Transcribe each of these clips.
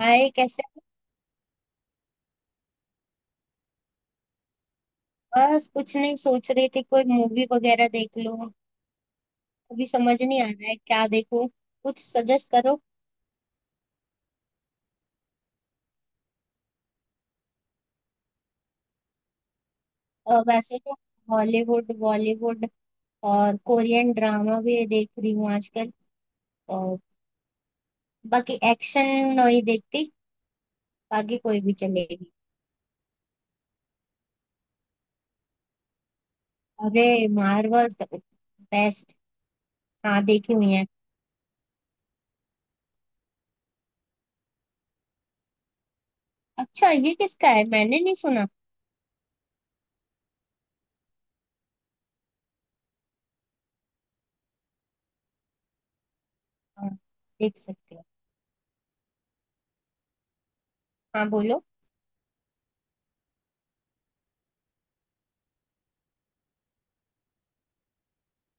हाय, कैसे हो? बस कुछ नहीं सोच रही थी, कोई मूवी वगैरह देख लो। अभी समझ नहीं आ रहा है क्या देखूं। कुछ सजेस्ट करो। वैसे तो हॉलीवुड, बॉलीवुड और कोरियन ड्रामा भी देख रही हूँ आजकल। और बाकी एक्शन नहीं देखती, बाकी कोई भी चलेगी। अरे, मार्वल तो बेस्ट। हाँ, देखी हुई है। अच्छा, ये किसका है? मैंने नहीं सुना। हाँ, देख सकते हो। हाँ, बोलो।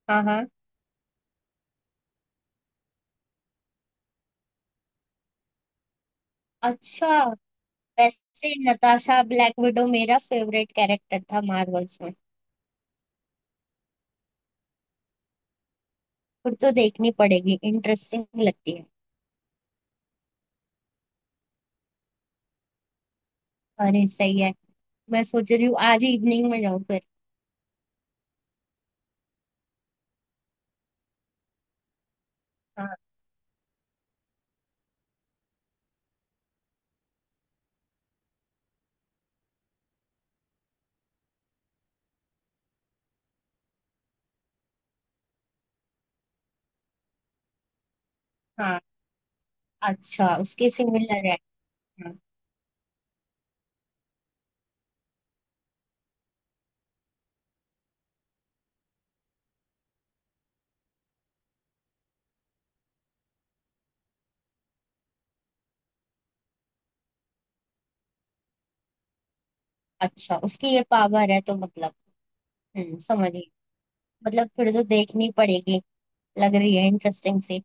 हाँ हाँ। अच्छा। वैसे नताशा ब्लैक विडो मेरा फेवरेट कैरेक्टर था मार्वल्स में। फिर तो देखनी पड़ेगी, इंटरेस्टिंग लगती है। अरे सही है। मैं सोच रही हूँ आज इवनिंग में जाऊँ फिर। हाँ। हाँ, अच्छा, उसके सिमिलर है। हाँ। अच्छा, उसकी ये पावर है तो? मतलब हम्म, समझ गई। मतलब फिर तो देखनी पड़ेगी, लग रही है इंटरेस्टिंग सी।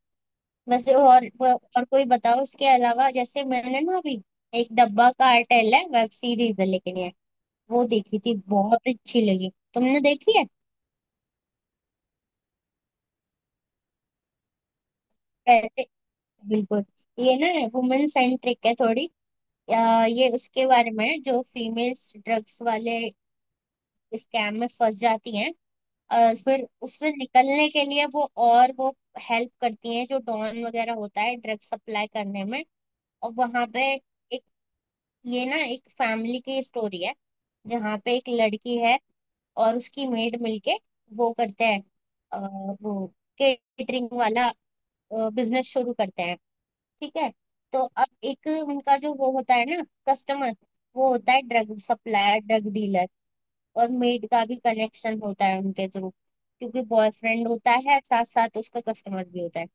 वैसे और कोई बताओ उसके अलावा। जैसे मैंने ना अभी एक डब्बा कार्टेल है, वेब सीरीज है लेकिन ये, वो देखी थी, बहुत अच्छी लगी। तुमने देखी है? रहते। बिल्कुल। ये ना वुमेन सेंट्रिक है थोड़ी। अ, ये उसके बारे में है, जो फीमेल्स ड्रग्स वाले स्कैम में फंस जाती हैं। और फिर उससे निकलने के लिए वो हेल्प करती हैं जो डॉन वगैरह होता है ड्रग्स सप्लाई करने में। और वहां पे एक, ये ना एक फैमिली की स्टोरी है, जहाँ पे एक लड़की है और उसकी मेड मिलके वो करते हैं। अ, वो केटरिंग वाला बिजनेस शुरू करते हैं। ठीक है। तो अब एक उनका जो वो होता है ना, कस्टमर, वो होता है ड्रग सप्लायर, ड्रग डीलर। और मेड का भी कनेक्शन होता है उनके थ्रू, क्योंकि बॉयफ्रेंड होता है, साथ साथ उसका कस्टमर भी होता है।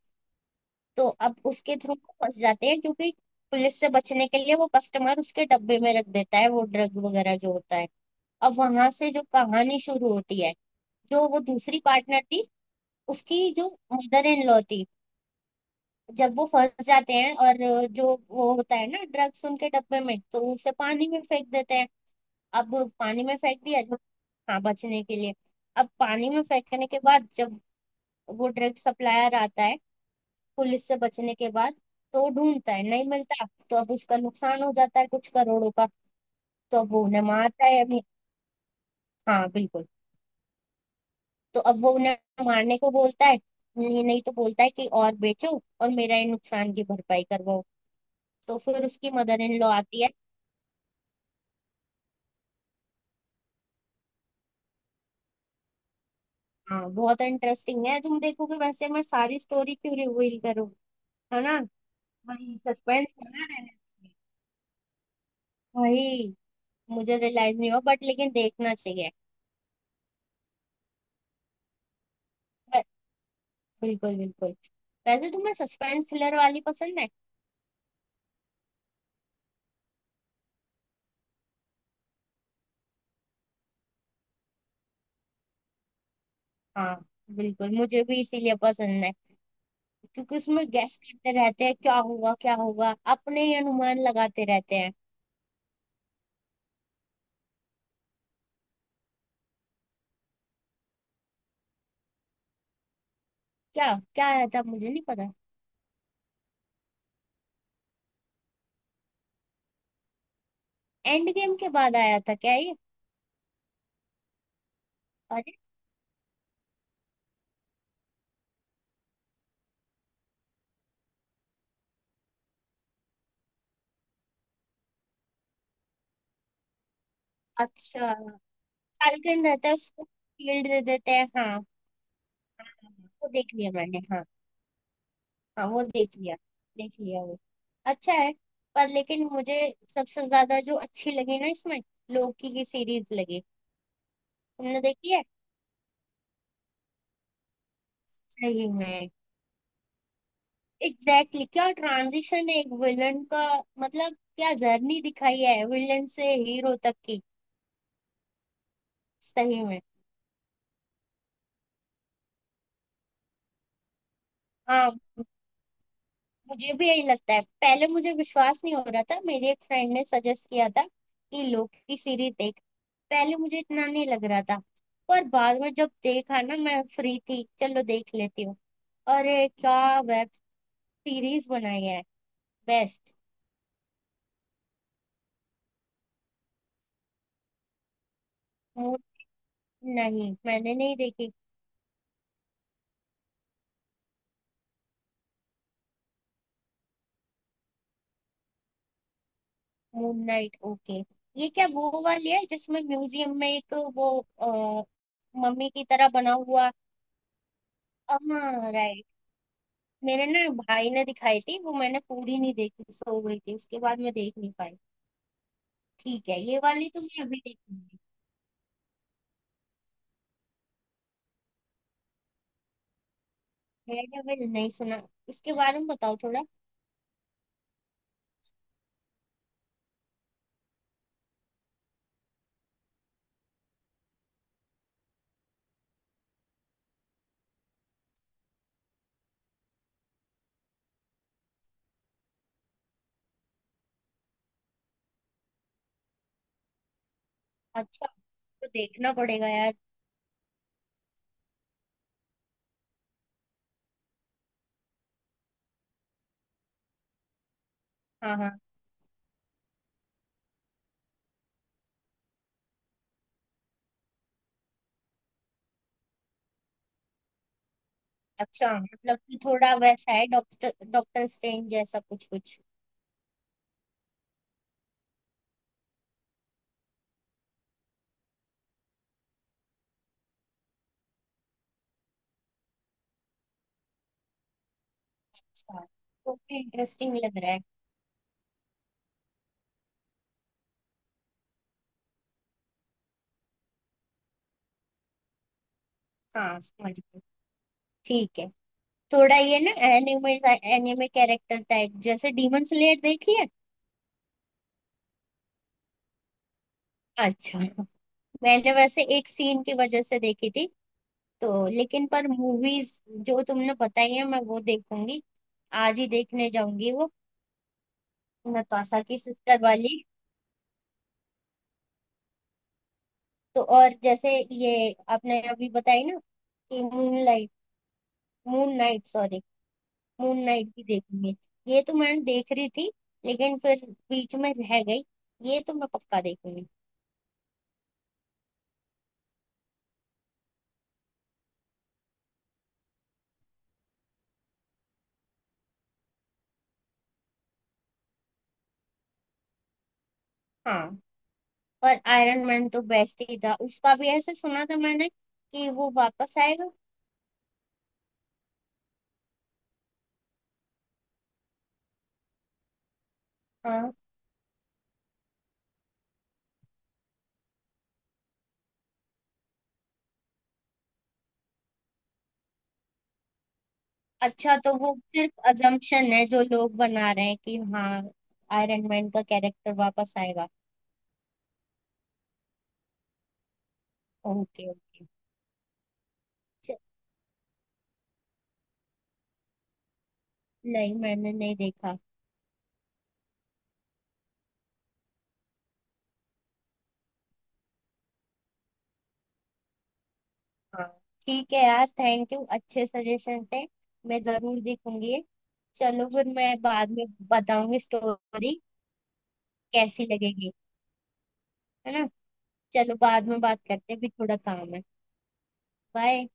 तो अब उसके थ्रू वो फंस जाते हैं, क्योंकि पुलिस से बचने के लिए वो कस्टमर उसके डब्बे में रख देता है वो ड्रग वगैरह जो होता है। अब वहां से जो कहानी शुरू होती है, जो वो दूसरी पार्टनर थी, उसकी जो मदर इन लॉ थी, जब वो फंस जाते हैं और जो वो होता है ना ड्रग्स उनके डब्बे में, तो उसे पानी में फेंक देते हैं। अब पानी में फेंक दिया जब, हाँ बचने के लिए। अब पानी में फेंकने के बाद जब वो ड्रग सप्लायर आता है पुलिस से बचने के बाद, तो वो ढूंढता है, नहीं मिलता। तो अब उसका नुकसान हो जाता है कुछ करोड़ों का। तो अब वो उन्हें मारता है अभी। हाँ बिल्कुल। तो अब वो उन्हें मारने को बोलता है, नहीं नहीं तो बोलता है कि और बेचो और मेरा ये नुकसान की भरपाई करवाओ। तो फिर उसकी मदर इन लॉ आती है। हाँ बहुत इंटरेस्टिंग है, तुम देखोगे, वैसे मैं सारी स्टोरी क्यों रिवील करूँ? है ना, वही सस्पेंस बना रहना चाहिए। भाई, मुझे रियलाइज नहीं हुआ बट लेकिन देखना चाहिए। ब- बिल्कुल बिल्कुल। वैसे तुम्हें सस्पेंस थ्रिलर वाली पसंद है? हाँ बिल्कुल, मुझे भी इसीलिए पसंद है, क्योंकि उसमें गैस करते रहते हैं क्या होगा क्या होगा, अपने ही अनुमान लगाते रहते हैं। क्या? क्या आया था? मुझे नहीं पता। एंड गेम के बाद आया था क्या ये? अरे। अच्छा, फाल्कन रहता है, उसको शील्ड दे देते हैं, हाँ। वो देख लिया मैंने, हाँ। हाँ वो देख लिया, देख लिया वो, अच्छा है। पर लेकिन मुझे सबसे ज्यादा जो अच्छी लगी ना इसमें, लोकी की सीरीज लगी। तुमने देखी है? सही में, एग्जैक्टली exactly। क्या ट्रांजिशन है एक विलन का, मतलब क्या जर्नी दिखाई है विलन से हीरो तक की। सही में। हाँ, मुझे भी यही लगता है। पहले मुझे विश्वास नहीं हो रहा था, मेरी एक फ्रेंड ने सजेस्ट किया था कि लोकी सीरीज देख। पहले मुझे इतना नहीं लग रहा था। पर बाद में जब देखा ना, मैं फ्री थी, चलो देख लेती हूँ। अरे क्या वेब सीरीज बनाई है, बेस्ट। मून, नहीं मैंने नहीं देखी। Moon Knight, okay. ये क्या वो वाली है जिसमें म्यूजियम में एक वो, अ, मम्मी की तरह बना हुआ? हाँ right। मेरे ना भाई ने दिखाई थी वो, मैंने पूरी नहीं देखी, सो गई थी, उसके बाद मैं देख नहीं पाई। ठीक है, ये वाली तो मैं अभी देखूंगी। डेयरडेविल नहीं सुना, इसके बारे में बताओ थोड़ा। अच्छा, तो देखना पड़ेगा यार। हाँ हाँ। अच्छा, मतलब कि थोड़ा वैसा है, डॉक्टर, डॉक्टर स्ट्रेंज जैसा कुछ कुछ। अच्छा, तो इंटरेस्टिंग लग रहा है। हाँ समझ गई। ठीक है। थोड़ा ये ना एनिमे, एनिमे कैरेक्टर टाइप, जैसे डीमन स्लेयर देखी है? अच्छा। मैंने वैसे एक सीन की वजह से देखी थी तो। लेकिन पर मूवीज जो तुमने बताई है, मैं वो देखूंगी। आज ही देखने जाऊंगी वो नताशा की सिस्टर वाली। तो और जैसे ये आपने अभी बताई ना कि Moon Light, Moon Knight sorry, Moon Knight भी देखूंगी। ये तो मैं देख रही थी लेकिन फिर बीच में रह गई, ये तो मैं पक्का देखूंगी। हाँ। और आयरन मैन तो बेस्ट ही था, उसका भी ऐसे सुना था मैंने कि वो वापस आएगा। हाँ। अच्छा, तो वो सिर्फ अजम्पशन है जो लोग बना रहे हैं कि हाँ आयरन मैन का कैरेक्टर वापस आएगा। Okay okay. च- नहीं, मैंने नहीं देखा। हाँ ठीक है यार, थैंक यू, अच्छे सजेशन थे, मैं जरूर देखूंगी। चलो फिर मैं बाद में बताऊंगी स्टोरी कैसी लगेगी, है ना। चलो बाद में बात करते हैं, अभी थोड़ा काम है। बाय।